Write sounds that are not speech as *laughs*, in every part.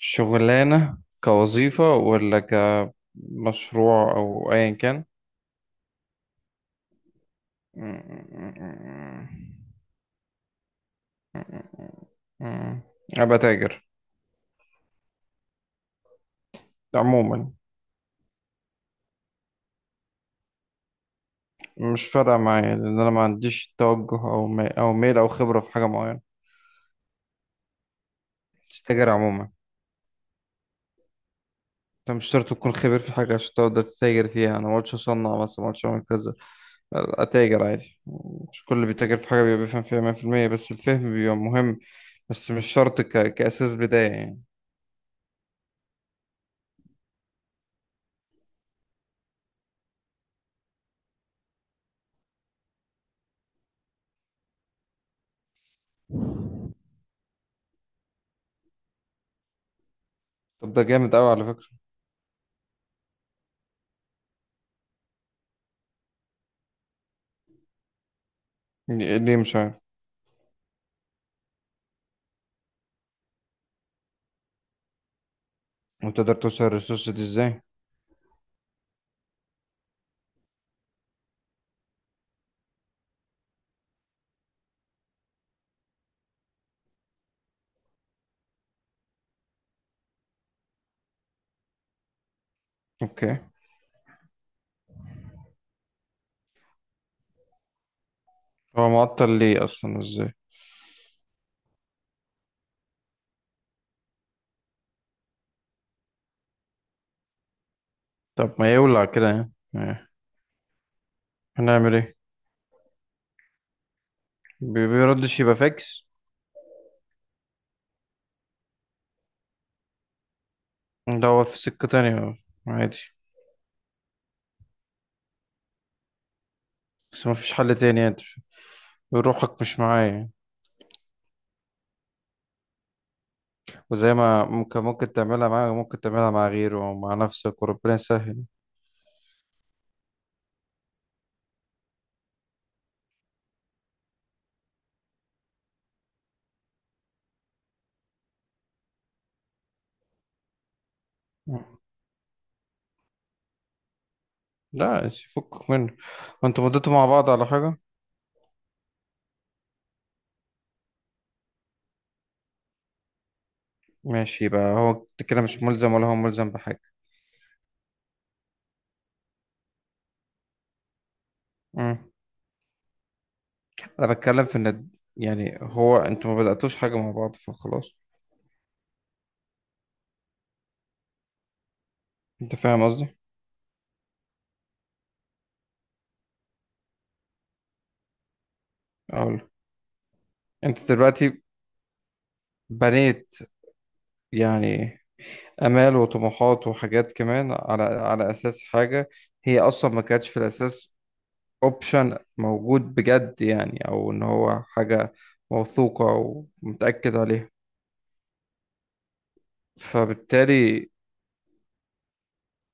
شغلانة كوظيفة ولا كمشروع أو أيا كان. أبقى تاجر عموما. مش فارقة معايا لأن أنا ما عنديش توجه أو ميل أو خبرة في حاجة معينة. تستاجر عموما. أنت مش شرط تكون خبير في حاجة عشان تقدر تتاجر فيها، أنا ما قلتش أصنع مثلا، ما قلتش أعمل كذا، أتاجر عادي. مش كل اللي بيتاجر في حاجة بيبقى بيفهم فيها 100%، بس الفهم بيبقى مهم، بس مش شرط كأساس بداية يعني. طب ده جامد قوي على فكرة. ليه مش عارف؟ وتقدر توصل الريسورس دي ازاي؟ اوكي. هو معطل ليه اصلا، ازاي؟ طب ما يولع كده يعني. إيه. هنعمل ايه؟ بيردش يبقى فاكس. ده هو في سكة تانية، عادي، بس ما فيش حل تاني يعني، روحك مش معايا يعني. وزي ما ممكن تعملها معاه، ممكن تعملها مع غيره او مع نفسك وربنا يسهل. لا، فكك منه. وانتوا مضيتوا مع بعض على حاجة؟ ماشي، يبقى هو كده مش ملزم ولا هو ملزم بحاجة. مم. انا بتكلم في ان، يعني هو انتوا ما بدأتوش حاجة مع بعض فخلاص. انت فاهم قصدي؟ اقول، انت دلوقتي بنيت يعني امال وطموحات وحاجات كمان على اساس حاجة هي اصلا ما كانتش في الاساس اوبشن موجود بجد يعني، او ان هو حاجة موثوقة ومتأكد عليها. فبالتالي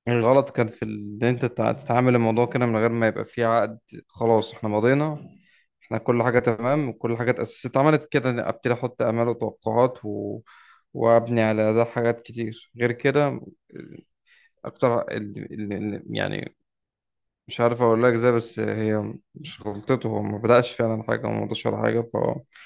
الغلط كان ان انت تتعامل الموضوع كده من غير ما يبقى فيه عقد. خلاص، احنا مضينا، احنا كل حاجة تمام وكل حاجة اتأسست اتعملت كده، أنا ابتدي احط امال وتوقعات وابني على ده حاجات كتير غير كده اكتر. يعني مش عارف اقول لك ازاي، بس هي مش غلطته، هو ما بدأش فعلا حاجة وما مضاش ولا حاجة. فيأخر.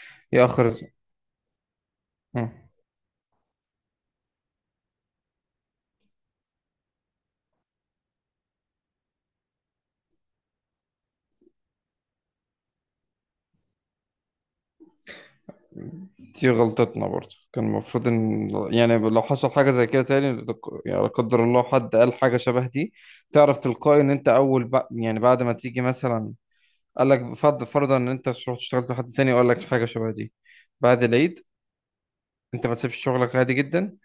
دي غلطتنا برضه، كان المفروض ان، يعني لو حصل حاجه زي كده تاني يعني لا قدر الله حد قال حاجه شبه دي، تعرف تلقائي ان انت اول يعني بعد ما تيجي مثلا قال لك، فرض فرضا ان انت رحت اشتغلت مع حد تاني وقال لك حاجه شبه دي بعد العيد، انت ما تسيبش شغلك عادي جدا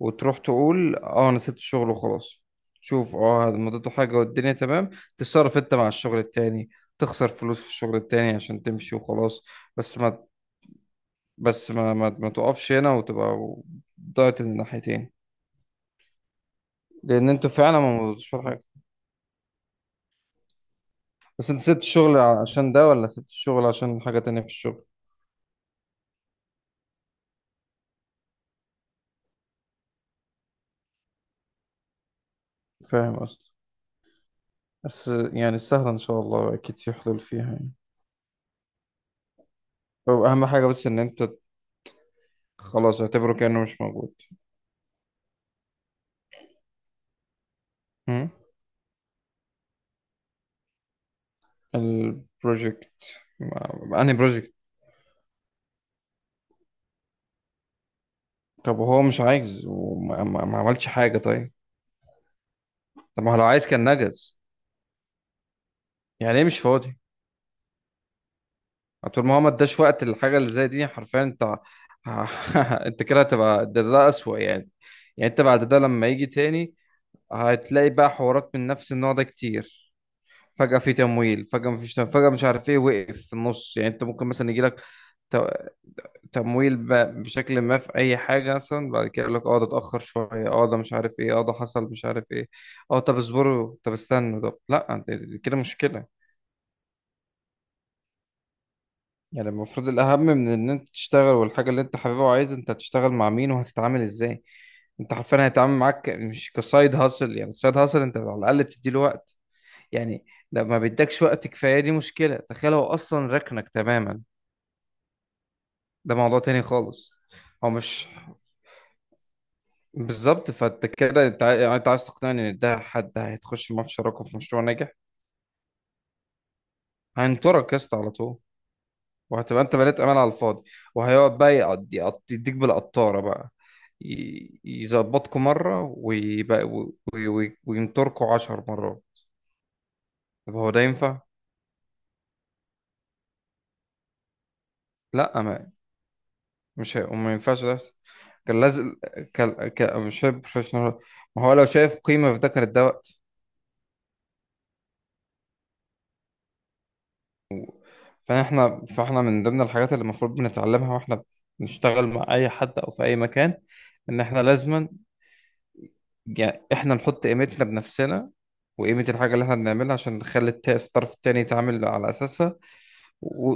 وتروح تقول اه انا سبت الشغل وخلاص. شوف اه، مضيته حاجه والدنيا تمام، تتصرف انت مع الشغل التاني، تخسر فلوس في الشغل التاني عشان تمشي وخلاص، بس ما، ما تقفش هنا وتبقى ضاعت الناحيتين، لان انتوا فعلا ما مضيتوش في حاجه. بس انت سبت الشغل عشان ده ولا سبت الشغل عشان حاجه تانية في الشغل؟ فاهم قصدي؟ بس يعني سهله ان شاء الله، اكيد في حلول فيها يعني. هو اهم حاجه بس ان انت خلاص اعتبره كانه مش موجود. هم؟ البروجكت؟ انهي بروجكت؟ طب وهو مش عايز، وما ما ما عملش حاجه، طيب. طب ما هو لو عايز كان نجز. يعني ايه مش فاضي؟ طول ما هو ما اداش وقت للحاجه اللي زي دي، حرفيا انت *laughs* انت كده هتبقى، ده اسوأ يعني. يعني انت بعد ده لما يجي تاني هتلاقي بقى حوارات من نفس النوع ده كتير، فجأة في تمويل، فجأة مفيش تمويل، فجأة مش عارف ايه وقف في النص. يعني انت ممكن مثلا يجيلك ت- تمويل بشكل ما في اي حاجة مثلا، بعد كده يقول لك اه ده اتأخر شوية، اه ده مش عارف ايه، اه ده حصل مش عارف ايه، اه طب اصبروا، طب استنوا، طب لا، دي كده مشكلة. يعني المفروض الأهم من إن أنت تشتغل والحاجة اللي أنت حاببها وعايز، أنت هتشتغل مع مين وهتتعامل إزاي. أنت حرفيا هيتعامل معاك مش كسايد هاسل، يعني السايد هاسل أنت على الأقل بتديله وقت يعني، لو ما بيدكش وقت كفاية دي مشكلة، تخيل هو أصلا ركنك تماما، ده موضوع تاني خالص. هو مش، بالظبط، فأنت كده أنت يعني أنت عايز تقنعني إن ده حد هيتخش معاه في شراكة في مشروع ناجح؟ هينطرك يا اسطى على طول، وهتبقى انت بنيت امان على الفاضي، وهيقعد بقى يديك بالقطاره بقى، يظبطكوا مره ويبقى وينطركوا 10 مرات. طب هو ده ينفع؟ لا، ما، مش هي... ما ينفعش ده يحصل. كان لازم، مش شايف بروفيشنال، ما هو لو شايف قيمه في ده كان ده وقت. فاحنا من ضمن الحاجات اللي المفروض بنتعلمها واحنا بنشتغل مع اي حد او في اي مكان، ان احنا لازما يعني احنا نحط قيمتنا بنفسنا وقيمة الحاجة اللي احنا بنعملها عشان نخلي الطرف التاني يتعامل على أساسها و...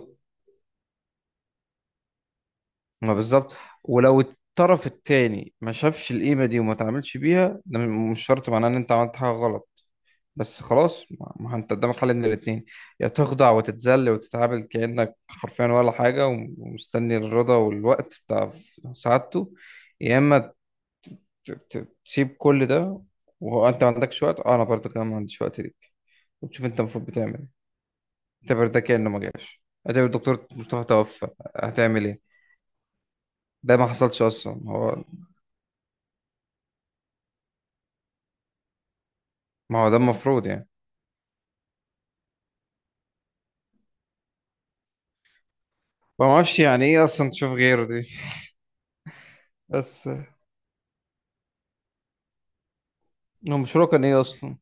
ما بالظبط. ولو الطرف التاني ما شافش القيمة دي وما تعاملش بيها، ده مش شرط معناه إن أنت عملت حاجة غلط. بس خلاص ما ما أنت قدامك حل من الاتنين، يا تخضع وتتذل وتتعامل كأنك حرفيا ولا حاجة، ومستني الرضا والوقت بتاع سعادته، يا إما تسيب كل ده، وأنت ما عندكش وقت، أه أنا برضه كمان ما عنديش وقت ليه، وتشوف انت المفروض بتعمل ايه. اعتبر ده كأنه ما جاش، اعتبر الدكتور مصطفى توفى، هتعمل ايه؟ ده ما حصلش اصلا هو. ما هو ده المفروض يعني. ما اعرفش يعني ايه اصلا تشوف غيره دي. بس هو المشروع كان ايه اصلا؟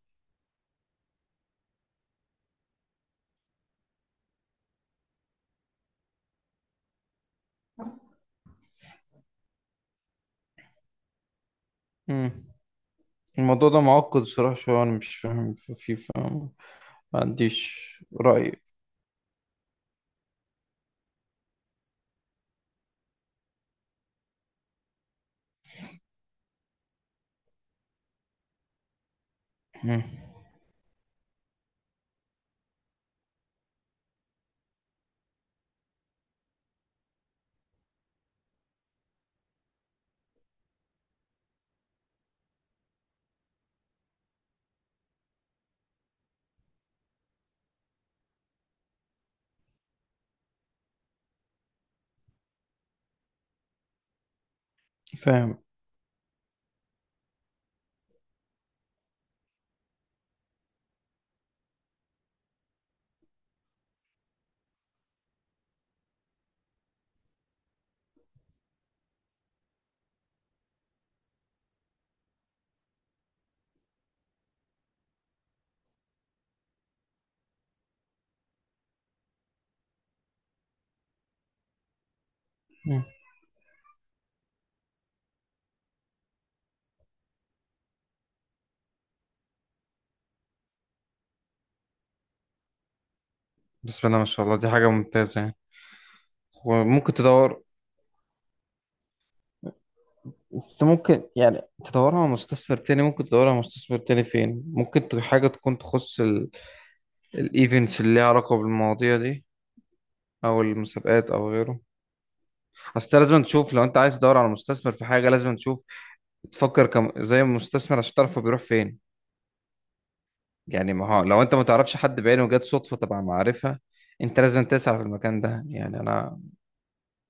مم. الموضوع ده معقد صراحة شوية، انا مش فاهم فيه، فاهم، ما عنديش رأي. مم. فاهم. مم. بسم الله ما شاء الله، دي حاجة ممتازة يعني. وممكن تدور، انت ممكن يعني تدورها على مستثمر تاني، ممكن تدورها على مستثمر تاني فين، ممكن حاجة تكون تخص الايفنتس اللي ليها علاقه بالمواضيع دي، او المسابقات او غيره. اصل أنت لازم تشوف، لو انت عايز تدور على مستثمر في حاجه لازم تشوف، تفكر كم زي المستثمر عشان تعرف هو بيروح فين. يعني ما هو لو انت ما تعرفش حد بعينه وجات صدفه تبع معرفه، انت لازم تسعى في المكان ده يعني. انا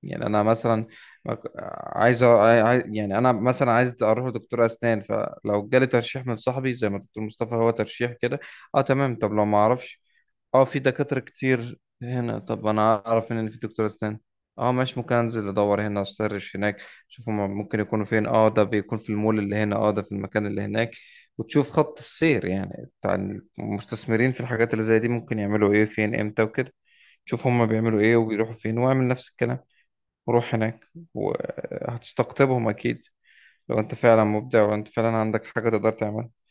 يعني، انا مثلا، مك- عايز، يعني انا مثلا عايز اروح لدكتور اسنان، فلو جالي ترشيح من صاحبي زي ما دكتور مصطفى هو ترشيح كده، اه تمام. طب لو ما اعرفش، اه في دكاترة كتير هنا، طب انا اعرف ان في دكتور اسنان، اه ماشي، ممكن انزل ادور هنا، اسيرش هناك، شوف هما ممكن يكونوا فين، اه ده بيكون في المول اللي هنا، اه ده في المكان اللي هناك. وتشوف خط السير يعني بتاع المستثمرين في الحاجات اللي زي دي، ممكن يعملوا ايه فين امتى وكده. شوف هما بيعملوا ايه وبيروحوا فين واعمل نفس الكلام وروح هناك، وهتستقطبهم اكيد، لو انت فعلا مبدع وانت فعلا عندك حاجة تقدر تعملها.